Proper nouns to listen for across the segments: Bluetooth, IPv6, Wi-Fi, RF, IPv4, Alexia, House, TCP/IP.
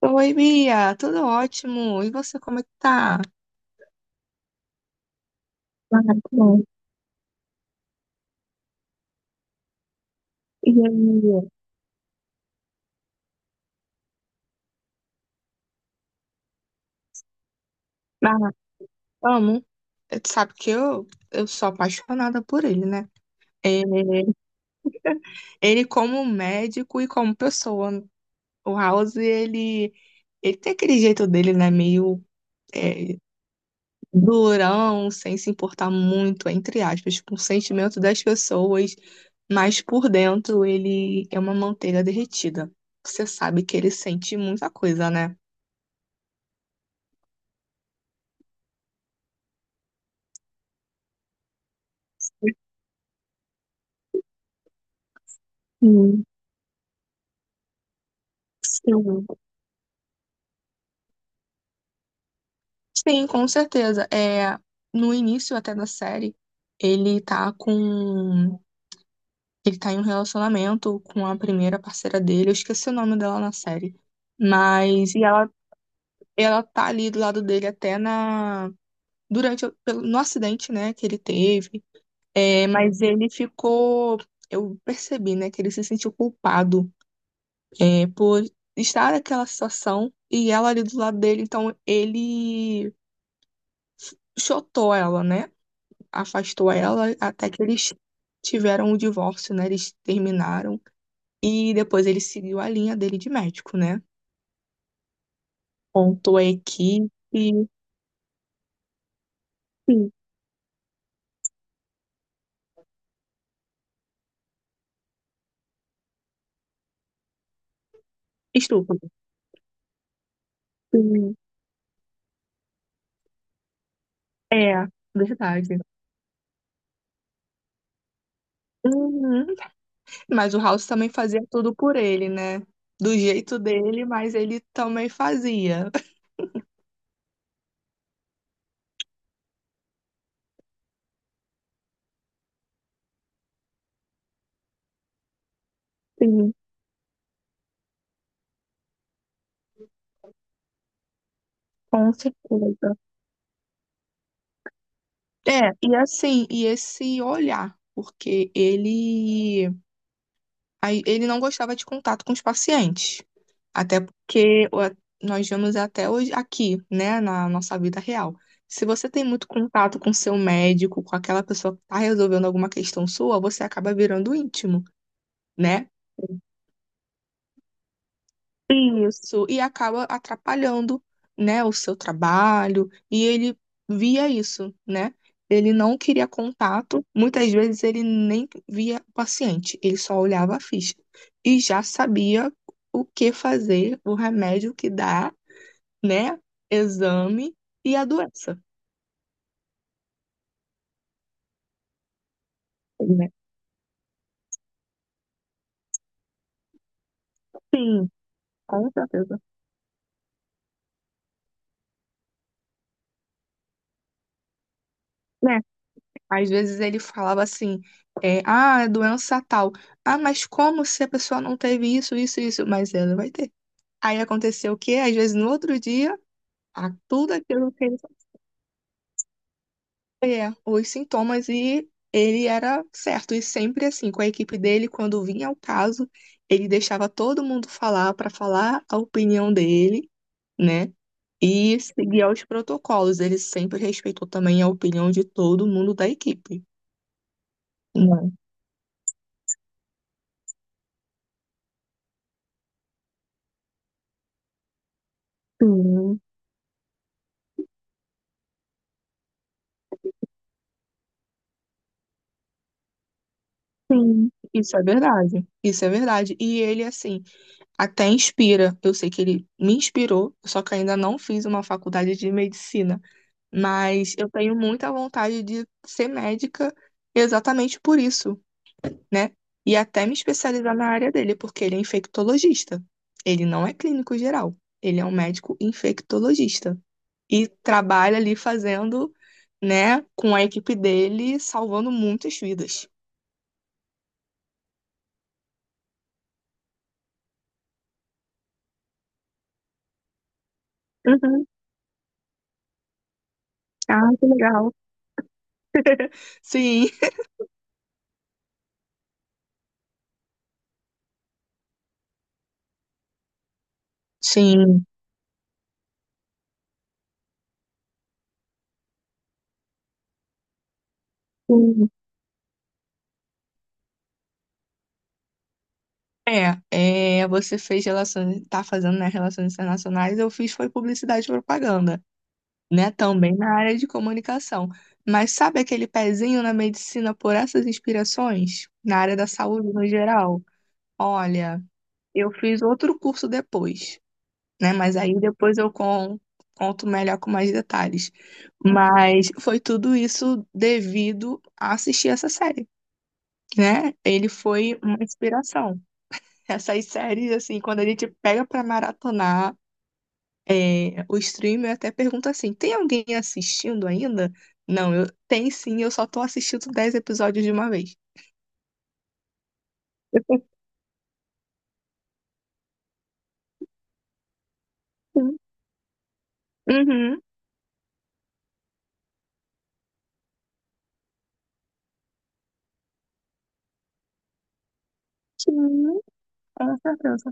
Oi, Bia, tudo ótimo. E você, como é que tá? Ah, tá bom. E aí? Ah, amo. Tu sabe que eu sou apaixonada por ele, né? É, ele como médico e como pessoa. O House, ele tem aquele jeito dele, né? Meio eh, durão, sem se importar muito, entre aspas, com o sentimento das pessoas, mas por dentro ele é uma manteiga derretida. Você sabe que ele sente muita coisa, né? Sim, sim, com certeza. É, no início até da série, ele tá com. Ele tá em um relacionamento com a primeira parceira dele. Eu esqueci o nome dela na série. E ela tá ali do lado dele até na. No acidente, né, que ele teve. É, mas ele ficou. Eu percebi, né, que ele se sentiu culpado, é, por estar naquela situação e ela ali do lado dele. Então ele. Chotou ela, né? Afastou ela até que eles tiveram o divórcio, né? Eles terminaram. E depois ele seguiu a linha dele de médico, né? Contou a equipe. Sim, estúpido. Sim, é, verdade. Uhum. Mas o House também fazia tudo por ele, né? Do jeito dele, mas ele também fazia. Sim, com certeza. É, e assim, e esse olhar, porque ele aí ele não gostava de contato com os pacientes, até porque nós vemos até hoje aqui, né, na nossa vida real. Se você tem muito contato com seu médico, com aquela pessoa que está resolvendo alguma questão sua, você acaba virando íntimo, né? Isso, e acaba atrapalhando, né, o seu trabalho, e ele via isso, né? Ele não queria contato, muitas vezes ele nem via o paciente, ele só olhava a ficha e já sabia o que fazer, o remédio que dá, né? Exame e a doença, né? Com certeza. Né? Às vezes ele falava assim, é, ah, é doença tal. Ah, mas como se a pessoa não teve isso, isso, isso? Mas ela vai ter. Aí aconteceu o quê? Às vezes no outro dia, a tudo aquilo que ele é, os sintomas, e ele era certo. E sempre assim, com a equipe dele, quando vinha o caso, ele deixava todo mundo falar para falar a opinião dele, né? E seguia os protocolos. Ele sempre respeitou também a opinião de todo mundo da equipe, né? Sim, sim. Isso é verdade. Isso é verdade. E ele, assim, até inspira. Eu sei que ele me inspirou, só que ainda não fiz uma faculdade de medicina. Mas eu tenho muita vontade de ser médica exatamente por isso, né? E até me especializar na área dele, porque ele é infectologista. Ele não é clínico geral, ele é um médico infectologista. E trabalha ali fazendo, né, com a equipe dele, salvando muitas vidas. Uhum. Ah, que legal. Sim, sim. Sim. É, é, você fez relações, tá fazendo, né, relações internacionais, eu fiz foi publicidade e propaganda, né, também na área de comunicação. Mas sabe aquele pezinho na medicina por essas inspirações? Na área da saúde no geral? Olha, eu fiz outro curso depois, né, mas aí depois conto melhor com mais detalhes. Mas foi tudo isso devido a assistir essa série, né? Ele foi uma inspiração. Essas séries, assim, quando a gente pega pra maratonar, é, o streamer até pergunta assim: tem alguém assistindo ainda? Não, eu tem sim, eu só tô assistindo 10 episódios de uma vez. Eu tô assim, uhum, sim, com certeza.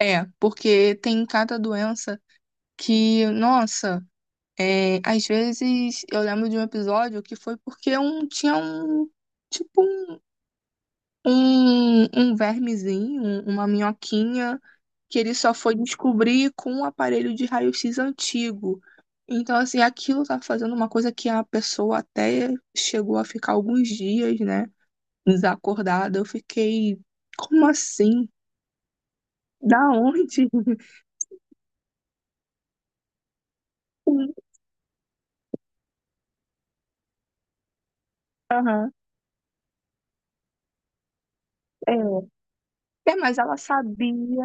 É, porque tem cada doença que, nossa, é, às vezes eu lembro de um episódio que foi porque um, tinha um, tipo um, um vermezinho, uma minhoquinha, que ele só foi descobrir com um aparelho de raio-x antigo. Então, assim, aquilo tá fazendo uma coisa que a pessoa até chegou a ficar alguns dias, né, desacordada. Eu fiquei, como assim? Da onde? Sim, aham. É. É, mas ela sabia,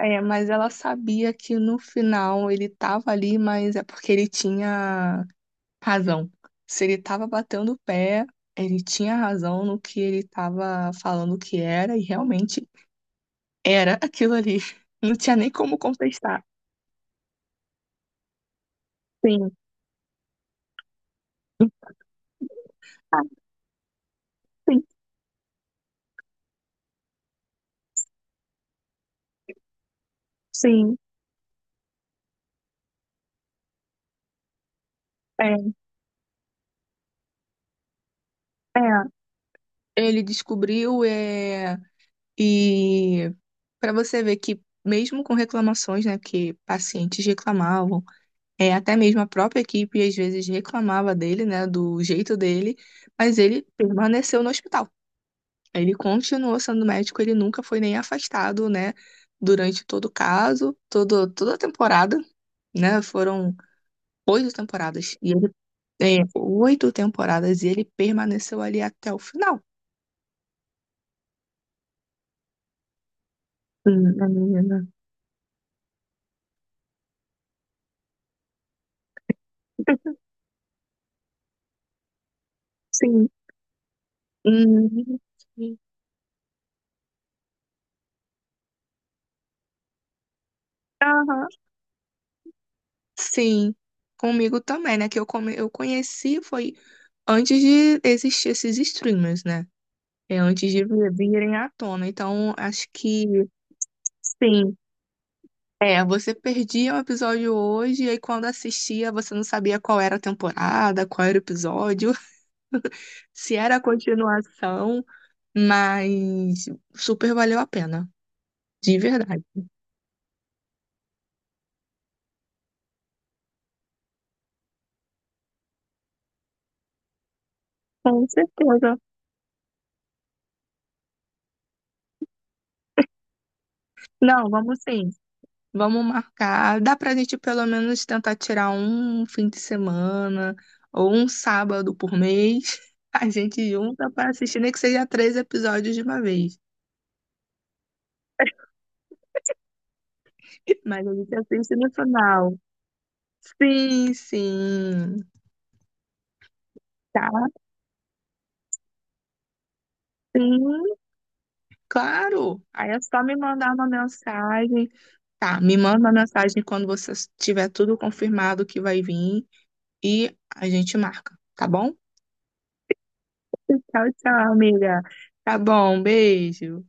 é, mas ela sabia que no final ele tava ali, mas é porque ele tinha razão. Se ele estava batendo o pé, ele tinha razão no que ele estava falando que era, e realmente era aquilo ali. Não tinha nem como contestar. Sim. Ah, sim, sim. É, é. Ele descobriu, é, e para você ver que mesmo com reclamações, né, que pacientes reclamavam, é, até mesmo a própria equipe às vezes reclamava dele, né, do jeito dele, mas ele permaneceu no hospital. Ele continuou sendo médico, ele nunca foi nem afastado, né? Durante todo o caso, todo, toda a temporada, né? Foram oito temporadas. E ele é, oito temporadas e ele permaneceu ali até o final. A menina. Sim. Hum, sim. Aham. Sim. Comigo também, né? Eu conheci foi antes de existir esses streamers, né? É antes de virem à tona. Então, acho que sim. É, você perdia o episódio hoje, e aí quando assistia, você não sabia qual era a temporada, qual era o episódio, se era a continuação, mas super valeu a pena, de verdade. Com certeza. Não, vamos sim. Vamos marcar. Dá pra gente pelo menos tentar tirar um fim de semana ou um sábado por mês. A gente junta pra assistir, nem que seja três episódios de uma vez. Mas a gente assiste no final. Sim, sim. Tá, sim, claro. Aí é só me mandar uma mensagem. Tá, me manda uma mensagem quando você tiver tudo confirmado que vai vir e a gente marca, tá bom? Tchau, tchau, amiga. Tá bom, beijo.